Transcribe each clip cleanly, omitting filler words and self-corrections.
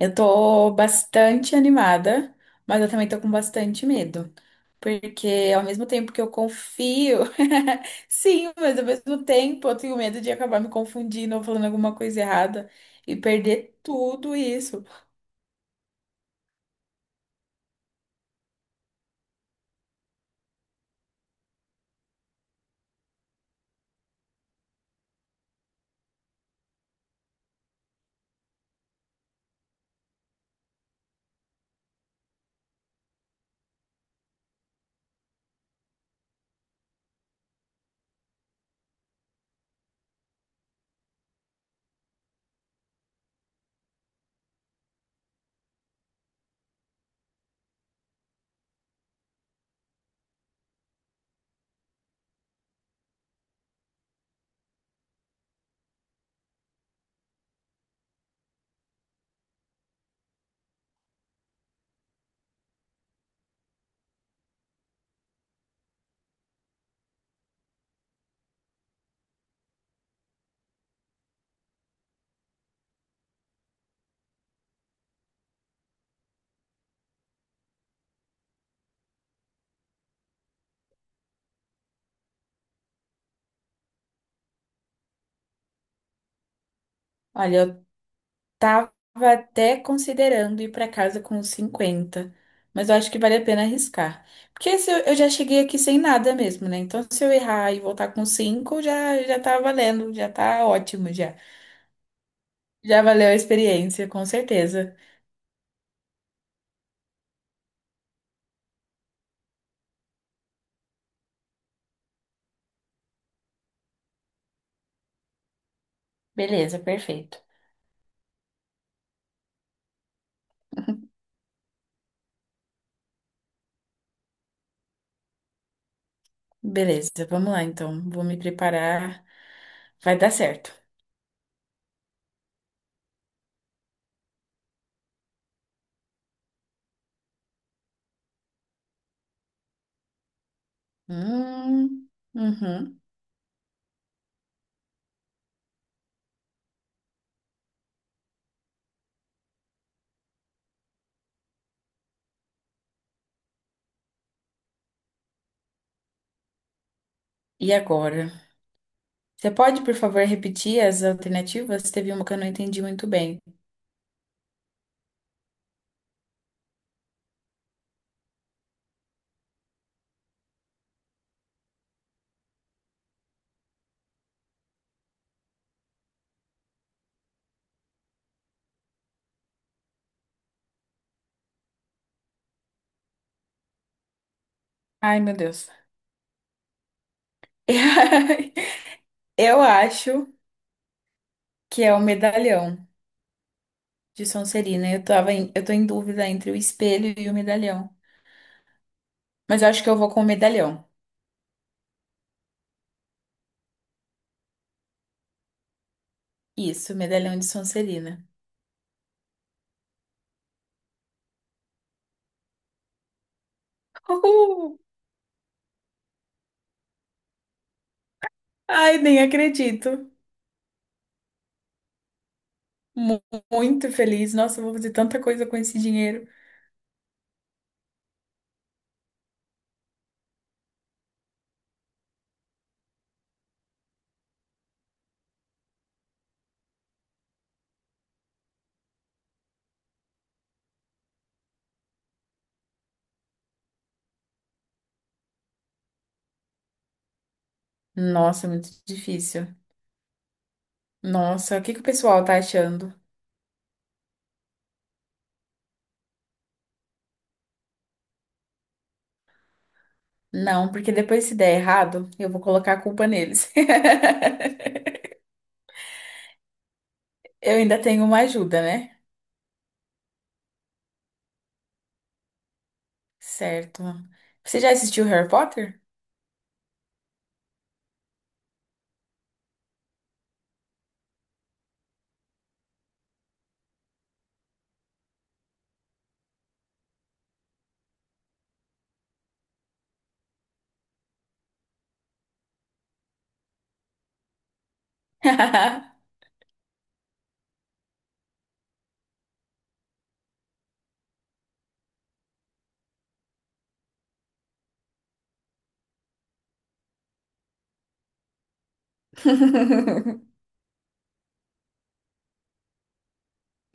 Eu tô bastante animada, mas eu também tô com bastante medo. Porque ao mesmo tempo que eu confio, sim, mas ao mesmo tempo eu tenho medo de acabar me confundindo ou falando alguma coisa errada e perder tudo isso. Olha, eu tava até considerando ir pra casa com os 50, mas eu acho que vale a pena arriscar. Porque se eu já cheguei aqui sem nada mesmo, né? Então se eu errar e voltar com 5, já tá valendo, já tá ótimo. Já valeu a experiência, com certeza. Beleza, perfeito. Beleza, vamos lá então. Vou me preparar. Vai dar certo. Hum, uhum. E agora? Você pode, por favor, repetir as alternativas? Teve uma que eu não entendi muito bem. Ai, meu Deus. Eu acho que é o medalhão de Sonserina. Eu tô em dúvida entre o espelho e o medalhão. Mas eu acho que eu vou com o medalhão. Isso, medalhão de Sonserina. Uhul! Ai, nem acredito. Mu- Muito feliz. Nossa, eu vou fazer tanta coisa com esse dinheiro. Nossa, é muito difícil. Nossa, o que que o pessoal tá achando? Não, porque depois se der errado, eu vou colocar a culpa neles. Eu ainda tenho uma ajuda, né? Certo. Você já assistiu Harry Potter?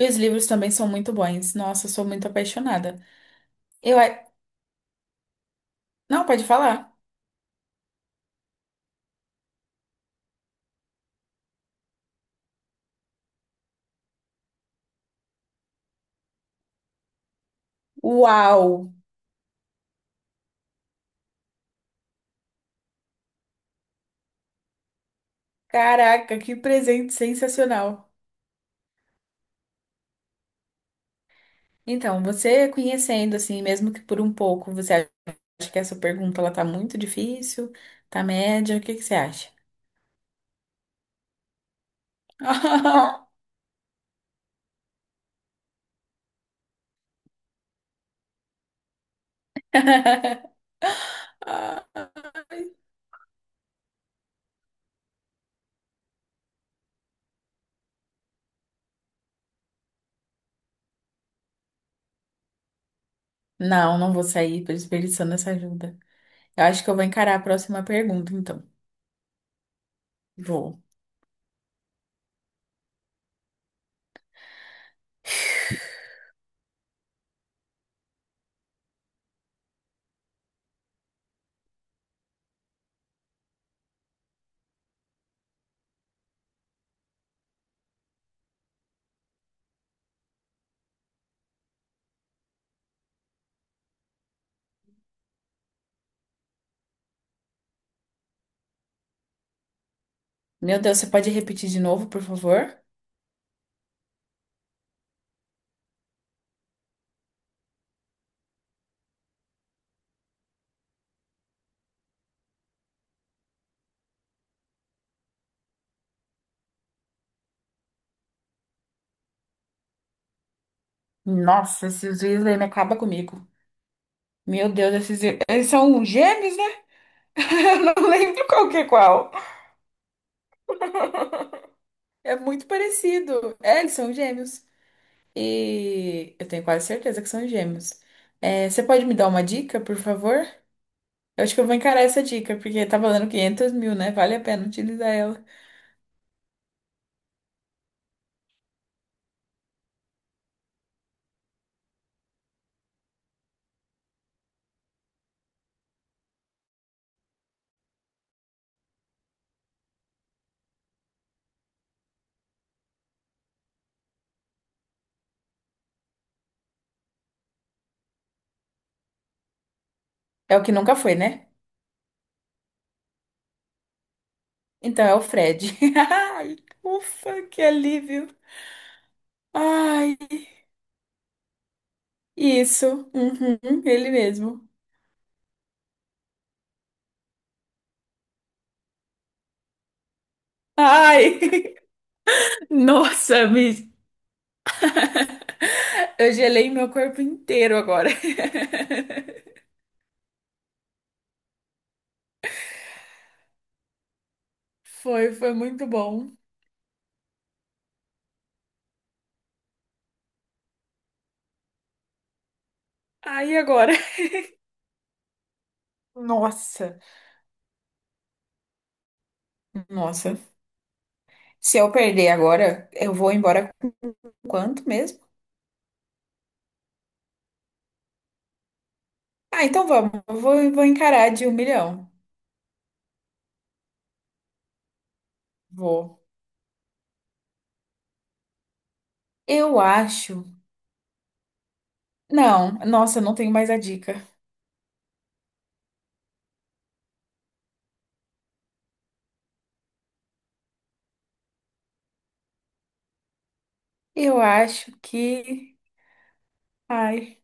E os livros também são muito bons. Nossa, eu sou muito apaixonada. Eu. a- Não, pode falar. Uau! Caraca, que presente sensacional! Então, você conhecendo assim, mesmo que por um pouco, você acha que essa pergunta ela tá muito difícil, tá média, o que que você acha? Não, não vou sair desperdiçando essa ajuda. Eu acho que eu vou encarar a próxima pergunta, então. Vou. Meu Deus, você pode repetir de novo, por favor? Nossa, esses Weasley me acaba comigo. Meu Deus, esses... eles são gêmeos, né? Eu não lembro qual que é qual. É muito parecido. É, eles são gêmeos. E eu tenho quase certeza que são gêmeos. É, você pode me dar uma dica, por favor? Eu acho que eu vou encarar essa dica, porque tá valendo 500 mil, né? Vale a pena utilizar ela. É o que nunca foi, né? Então é o Fred. Ai, ufa, que alívio. Ai, isso. Uhum, ele mesmo. Ai, nossa, me... eu gelei meu corpo inteiro agora. Foi, foi muito bom. Ai, e agora? Nossa, nossa. Se eu perder agora, eu vou embora com quanto mesmo? Ah, então vamos. Eu vou encarar de um milhão. Vou. Eu acho. Não, nossa, eu não tenho mais a dica. Eu acho que. Ai.